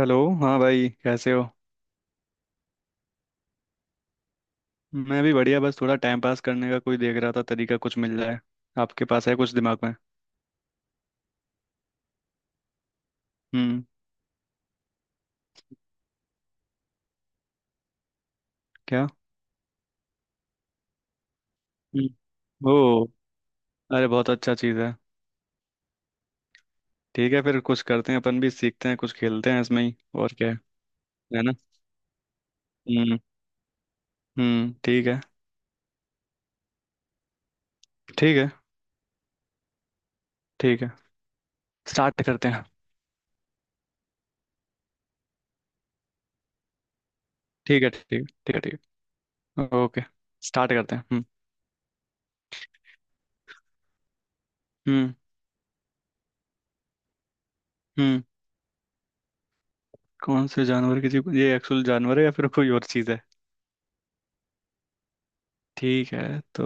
Hello. हाँ भाई कैसे हो। मैं भी बढ़िया, बस थोड़ा टाइम पास करने का कोई देख रहा था तरीका, कुछ मिल जाए। आपके पास है कुछ दिमाग में? हम्म। क्या? हम्म, ओ, अरे बहुत अच्छा चीज़ है। ठीक है, फिर कुछ करते हैं, अपन भी सीखते हैं, कुछ खेलते हैं इसमें ही। और क्या है? है ना। हम्म। हम्म, ठीक है। ठीक है। ठीक है, स्टार्ट करते हैं। ठीक है। ठीक है। ठीक है। ठीक है, ओके, स्टार्ट करते हैं। हम्म। हम्म हम्म कौन से जानवर, किसी को, ये एक्चुअल जानवर है या फिर कोई और चीज़ है? ठीक है तो,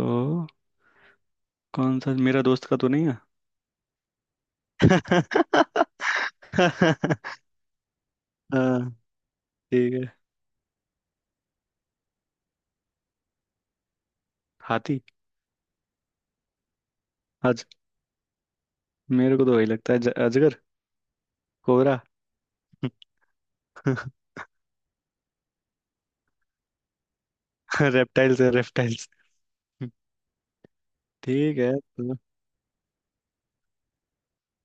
कौन सा? मेरा दोस्त का तो नहीं है। हाँ ठीक है। हाथी। आज मेरे को तो वही लगता है, अजगर, कोबरा। रेप्टाइल्स है, रेप्टाइल्स। ठीक है तो,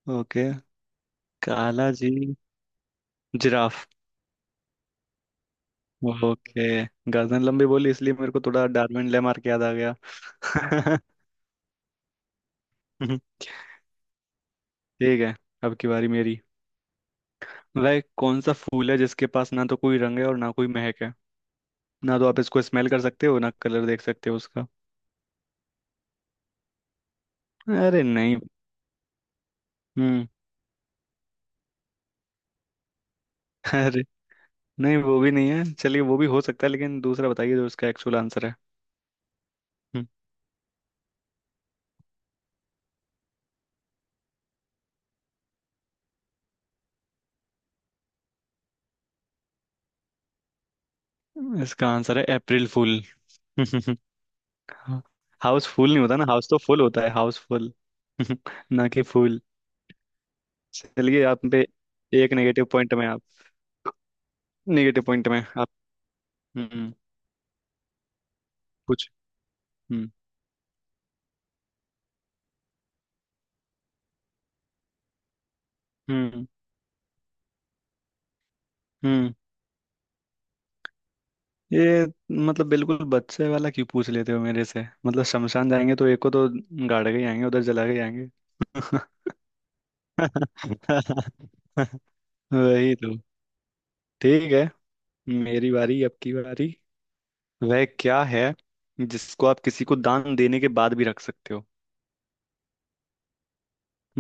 ओके। काला जी, जिराफ। ओके। गर्दन लंबी बोली इसलिए मेरे को थोड़ा डार्विन लेमार्क याद आ गया। ठीक है, अब की बारी मेरी। वह कौन सा फूल है जिसके पास ना तो कोई रंग है और ना कोई महक है? ना तो आप इसको स्मेल कर सकते हो ना कलर देख सकते हो उसका। अरे नहीं। हम्म। अरे नहीं, वो भी नहीं है, चलिए वो भी हो सकता है, लेकिन दूसरा बताइए जो इसका एक्चुअल आंसर है। इसका आंसर है अप्रैल फूल। हाउस फूल नहीं होता ना, हाउस तो फुल होता है, हाउस फुल। ना कि फूल। चलिए, आप पे एक नेगेटिव पॉइंट। में आप नेगेटिव पॉइंट में आप। हम्म, कुछ। हम्म। हम्म हम्म ये, मतलब बिल्कुल बच्चे वाला क्यों पूछ लेते हो मेरे से? मतलब शमशान जाएंगे तो एक को तो गाड़ के ही आएंगे, उधर जला के ही आएंगे। वही तो। ठीक है, मेरी बारी, अब की बारी। वह क्या है जिसको आप किसी को दान देने के बाद भी रख सकते हो?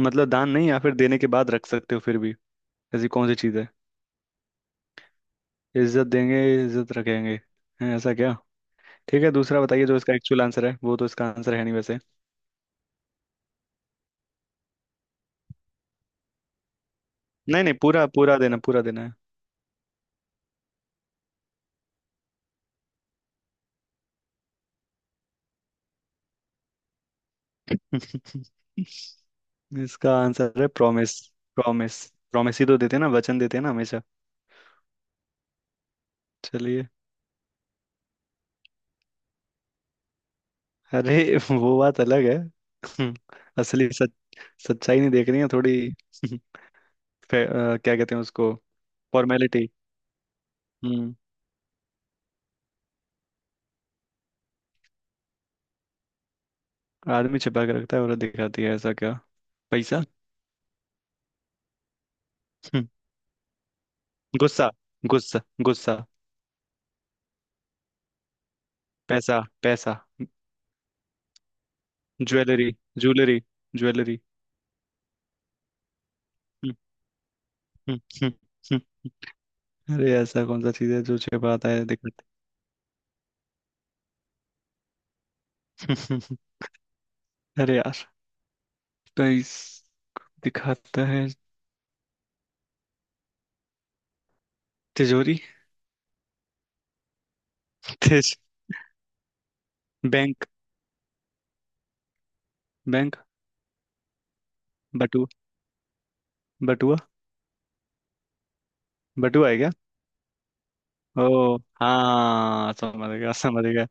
मतलब दान नहीं, या फिर देने के बाद रख सकते हो फिर भी। ऐसी कौन सी चीज है? इज्जत देंगे, इज्जत रखेंगे? हैं, ऐसा क्या। ठीक है, दूसरा बताइए जो इसका एक्चुअल आंसर है, वो तो इसका आंसर है नहीं वैसे। नहीं नहीं, पूरा पूरा देना, पूरा देना है। इसका आंसर है प्रॉमिस। प्रॉमिस। प्रॉमिस ही तो देते हैं ना, वचन देते हैं ना हमेशा। चलिए, अरे वो बात अलग है। असली सच, सच्चाई नहीं देख रही है थोड़ी। क्या कहते हैं उसको, फॉर्मेलिटी। हम्म। आदमी छिपा के रखता है औरत दिखाती है, ऐसा क्या? पैसा। हम्म, गुस्सा, गुस्सा, गुस्सा। पैसा पैसा। Jewellery, jewellery, jewellery. हम्म, हम्म, हम्म, हम्म। अरे ऐसा कौन सा चीज है जो छिपाता है दिखाता है? अरे यार, पैस दिखाता है। तिजोरी, तिज बैंक, बैंक, बटुआ, बटुआ। बटुआ है क्या? ओ हाँ, समझ गया समझ गया।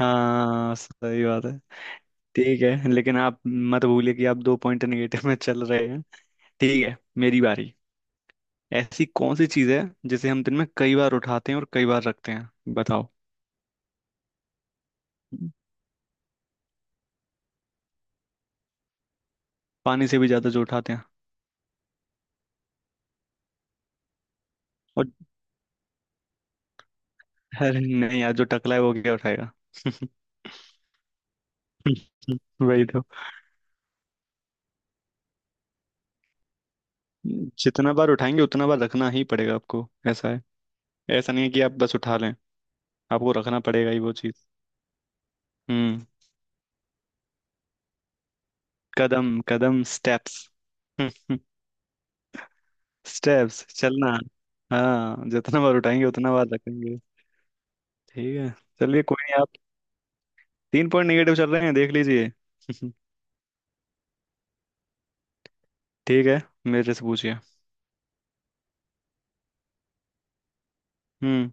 हाँ सही बात है। ठीक है, लेकिन आप मत भूलिए कि आप दो पॉइंट नेगेटिव में चल रहे हैं। ठीक है, मेरी बारी। ऐसी कौन सी चीज है जिसे हम दिन में कई बार उठाते हैं और कई बार रखते हैं, बताओ? पानी से भी ज्यादा जो उठाते हैं। और अरे नहीं यार, जो टकला है वो क्या उठाएगा? वही तो। जितना बार उठाएंगे उतना बार रखना ही पड़ेगा आपको, ऐसा है। ऐसा नहीं है कि आप बस उठा लें, आपको रखना पड़ेगा ही वो चीज। हम्म। कदम कदम, स्टेप्स। स्टेप्स, चलना। हाँ जितना बार उठाएंगे उतना बार रखेंगे। ठीक है। चलिए कोई नहीं, आप तीन पॉइंट निगेटिव चल रहे हैं, देख लीजिए। ठीक है, मेरे से पूछिए। हम्म।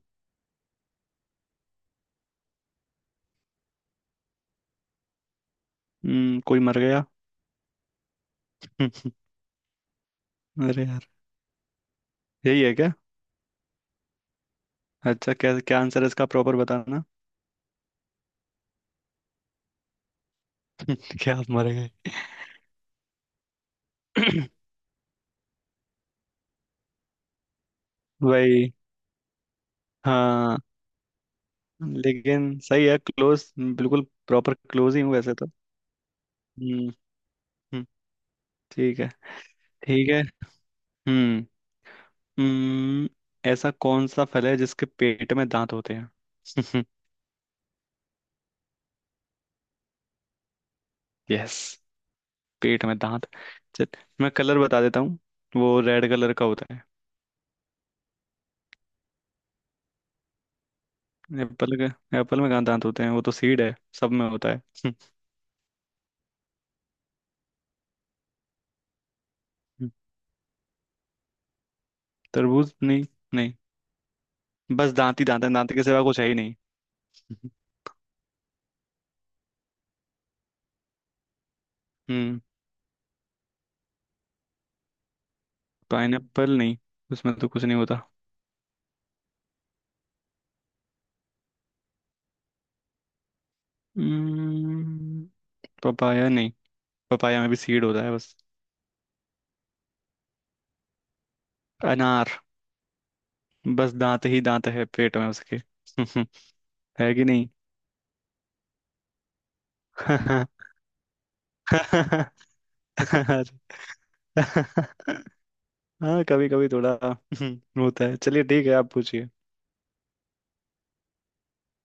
हम्म, कोई मर गया। अरे यार, यही है क्या? अच्छा क्या, क्या आंसर है इसका, प्रॉपर बताना। क्या आप मर गए? वही। हाँ। लेकिन सही है, क्लोज बिल्कुल। प्रॉपर क्लोज ही हूँ वैसे तो। हम्म। हम्म, ठीक है। ठीक है। हम्म। हम्म, ऐसा कौन सा फल है जिसके पेट में दांत होते हैं? यस, पेट में दांत। चल, मैं कलर बता देता हूँ, वो रेड कलर का होता है। एप्पल का? एप्पल में कहाँ दांत होते हैं, वो तो सीड है, सब में होता है। हम्म, तरबूज नहीं। नहीं, बस दांत ही दांत है, दांत के सिवा कुछ है ही नहीं। हम्म। पाइनएप्पल नहीं, उसमें तो कुछ नहीं होता। हम्म, पपाया नहीं, पपाया में भी सीड होता है बस। अनार, बस दांत ही दांत है पेट में उसके। है कि नहीं? अरे। हाँ, कभी कभी थोड़ा होता है, चलिए ठीक है, आप पूछिए।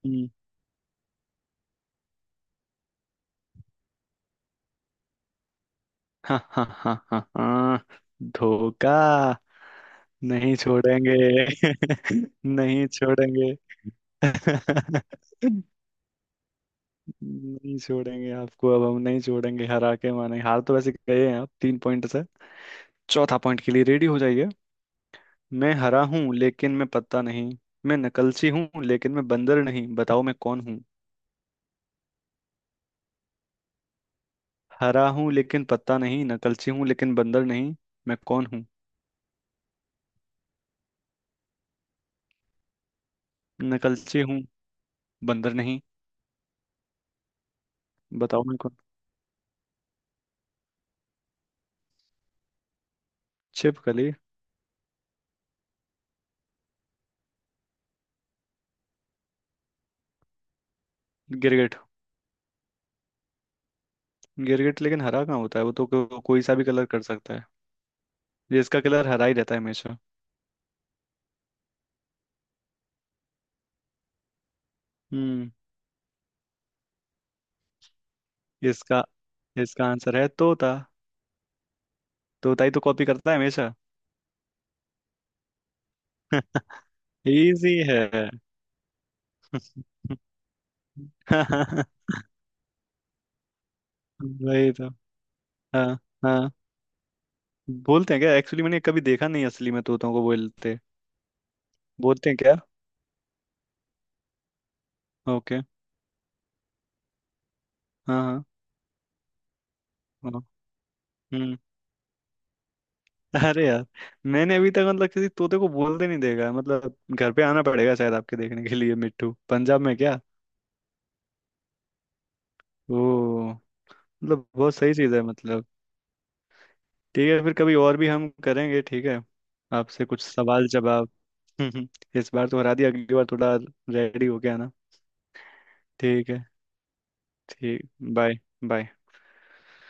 हम्म, हाँ, हाँ, हाँ, हाँ, हाँ, धोखा। नहीं छोड़ेंगे। नहीं छोड़ेंगे। नहीं छोड़ेंगे आपको, अब हम नहीं छोड़ेंगे, हरा के माने। हार तो वैसे गए हैं आप तीन पॉइंट से, चौथा पॉइंट के लिए रेडी हो जाइए। मैं हरा हूँ लेकिन मैं पत्ता नहीं, मैं नकलची हूँ लेकिन मैं बंदर नहीं, बताओ मैं कौन? हरा हूँ लेकिन पत्ता नहीं, नकलची हूँ लेकिन बंदर नहीं, मैं कौन हूँ? नकलची हूँ, बंदर नहीं, बताओ मैं कौन? छिपकली? गिरगिट। गिरगिट लेकिन हरा कहाँ होता है, वो तो कोई सा भी कलर कर सकता है। ये इसका कलर हरा ही रहता है हमेशा। हम्म। इसका इसका आंसर है तोता। तोता ही तो कॉपी करता है हमेशा। इजी है। वही तो, हाँ, हाँ। बोलते हैं क्या एक्चुअली? मैंने कभी देखा नहीं असली में तोतों को बोलते। बोलते हैं क्या? ओके। हाँ, हाँ, हाँ, हम्म। अरे यार, मैंने अभी तक मतलब किसी तोते को बोलते नहीं देखा है। मतलब घर पे आना पड़ेगा शायद आपके देखने के लिए, मिट्टू, पंजाब में क्या? वो मतलब बहुत सही चीज़ है, मतलब। ठीक है, फिर कभी और भी हम करेंगे, ठीक है, आपसे कुछ सवाल जवाब। इस बार तो हरा दिया, अगली बार थोड़ा रेडी होके आना। ठीक है। ठीक, बाय। बाय।